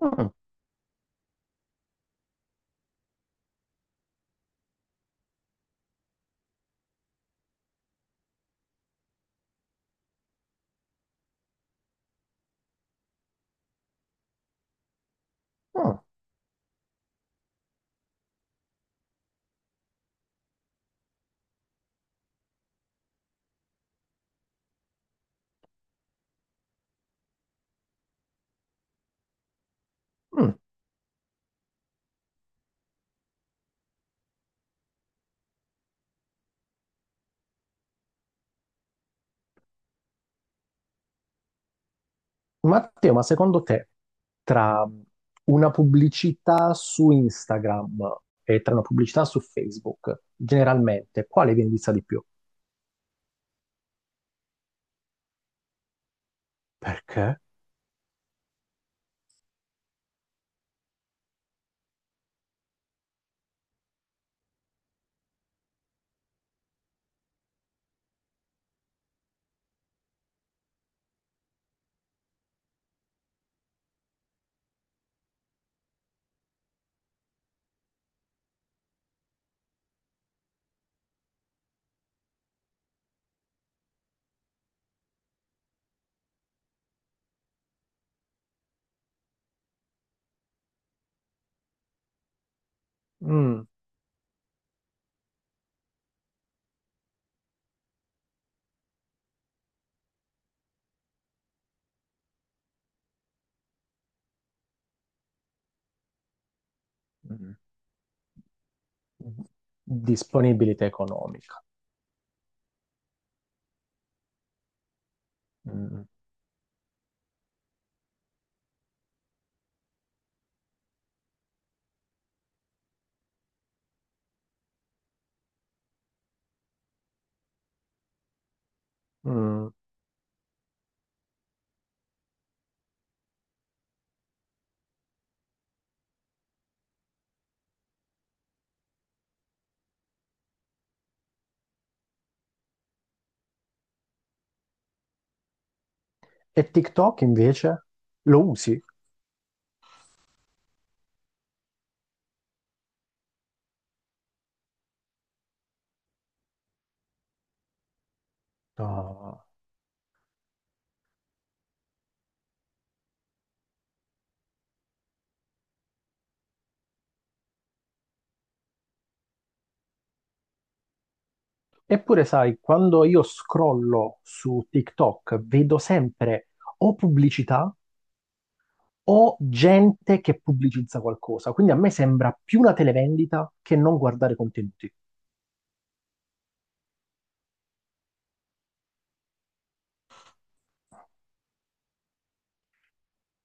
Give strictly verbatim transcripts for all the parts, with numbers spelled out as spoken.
Mm, mm, mm. Matteo, ma secondo te tra una pubblicità su Instagram e tra una pubblicità su Facebook, generalmente, quale viene vista di più? Perché? Mm, mm. Disponibilità economica. Mm, mm. E TikTok invece? Lo usi? No. Eppure, sai, quando io scrollo su TikTok, vedo sempre o pubblicità o gente che pubblicizza qualcosa. Quindi a me sembra più una televendita che non guardare contenuti.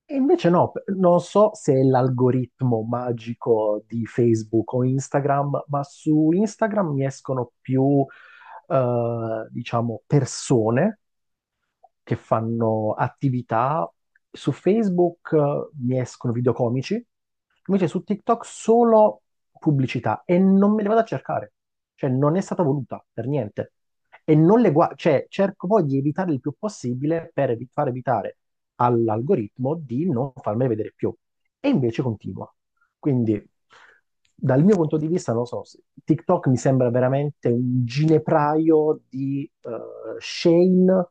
E invece no, p- non so se è l'algoritmo magico di Facebook o Instagram, ma su Instagram mi escono più, eh, diciamo, persone che fanno attività. Su Facebook eh, mi escono video comici, invece su TikTok solo pubblicità e non me le vado a cercare. Cioè, non è stata voluta per niente. E non le guardo, cioè, cerco poi di evitare il più possibile per evi- far evitare all'algoritmo di non farmele vedere più. E invece continua. Quindi, dal mio punto di vista, non lo so, se- TikTok mi sembra veramente un ginepraio di eh, shame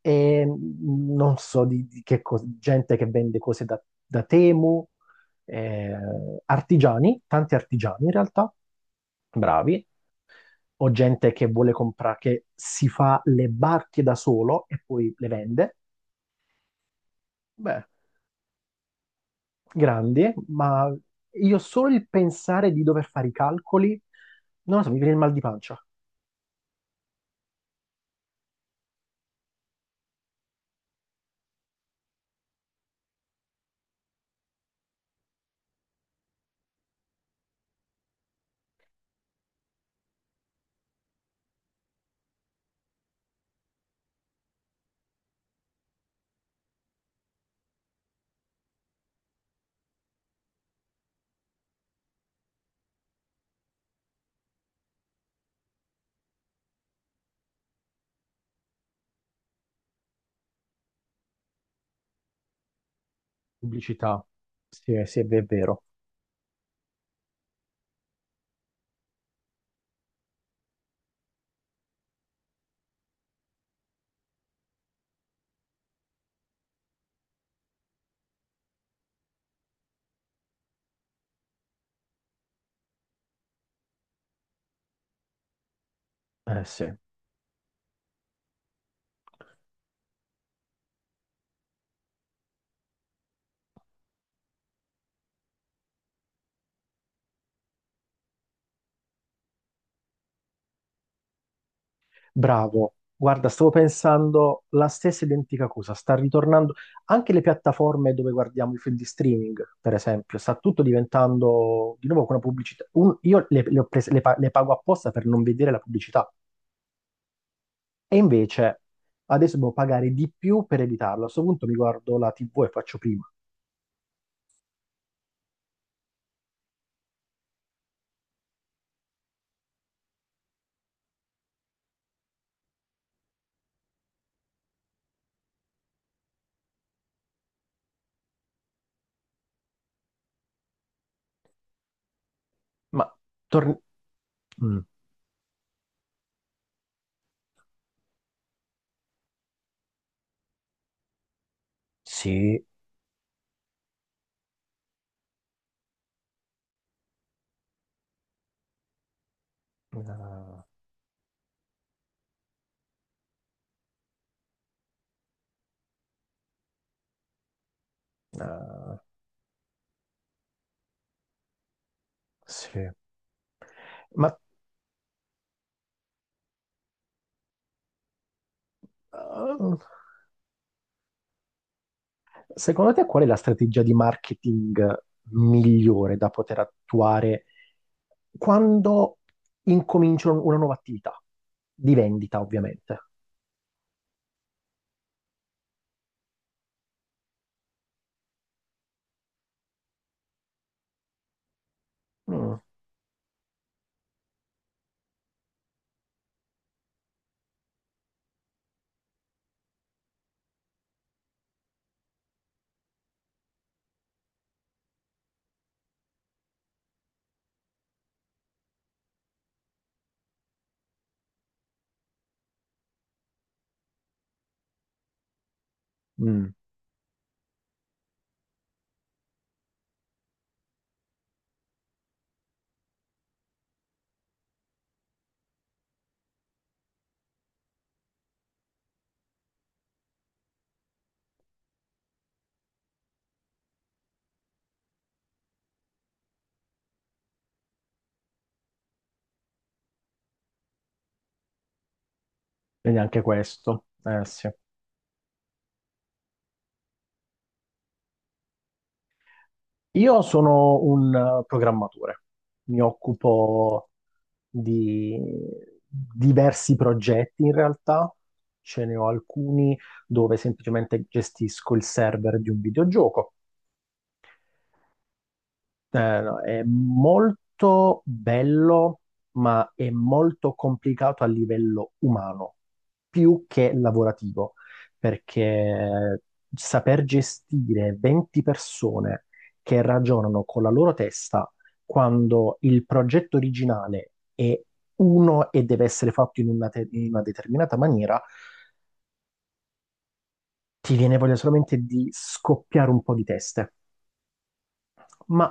e mh, non so di, di che cosa, gente che vende cose da, da Temu, eh, artigiani, tanti artigiani in realtà, bravi, o gente che vuole comprare, che si fa le barche da solo e poi le vende. Beh, grandi, ma io solo il pensare di dover fare i calcoli, non lo so, mi viene il mal di pancia. Pubblicità, sì, sì, è vero, eh sì. Bravo, guarda, stavo pensando la stessa identica cosa, sta ritornando anche le piattaforme dove guardiamo i film di streaming, per esempio, sta tutto diventando di nuovo con una pubblicità. Un- io le, le ho prese- le pa- le pago apposta per non vedere la pubblicità e invece adesso devo pagare di più per evitarlo. A questo punto mi guardo la T V e faccio prima. Ma torni... Mm, sì, eh, eh, sì. Ma... eh, Secondo te qual è la strategia di marketing migliore da poter attuare quando incomincio una nuova attività? Di vendita, ovviamente. Mm, mm, Quindi anche questo. Eh, sì. Io sono un eh, programmatore, mi occupo di diversi progetti in realtà, ce ne ho alcuni dove semplicemente gestisco il server di un videogioco. Eh, no, è molto bello, ma è molto complicato a livello umano, più che lavorativo, perché saper gestire venti persone che ragionano con la loro testa quando il progetto originale è uno e deve essere fatto in una te- in una determinata maniera, ti viene voglia solamente di scoppiare un po' di teste. Ma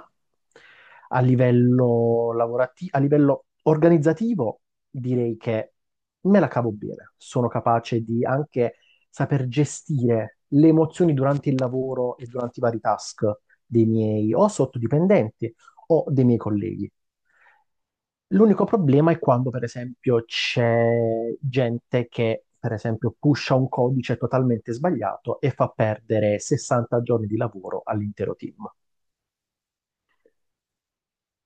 a livello lavorativo, a livello organizzativo, direi che me la cavo bene. Sono capace di anche saper gestire le emozioni durante il lavoro e durante i vari task dei miei o sottodipendenti o dei miei colleghi. L'unico problema è quando, per esempio, c'è gente che, per esempio, pusha un codice totalmente sbagliato e fa perdere sessanta giorni di lavoro all'intero team.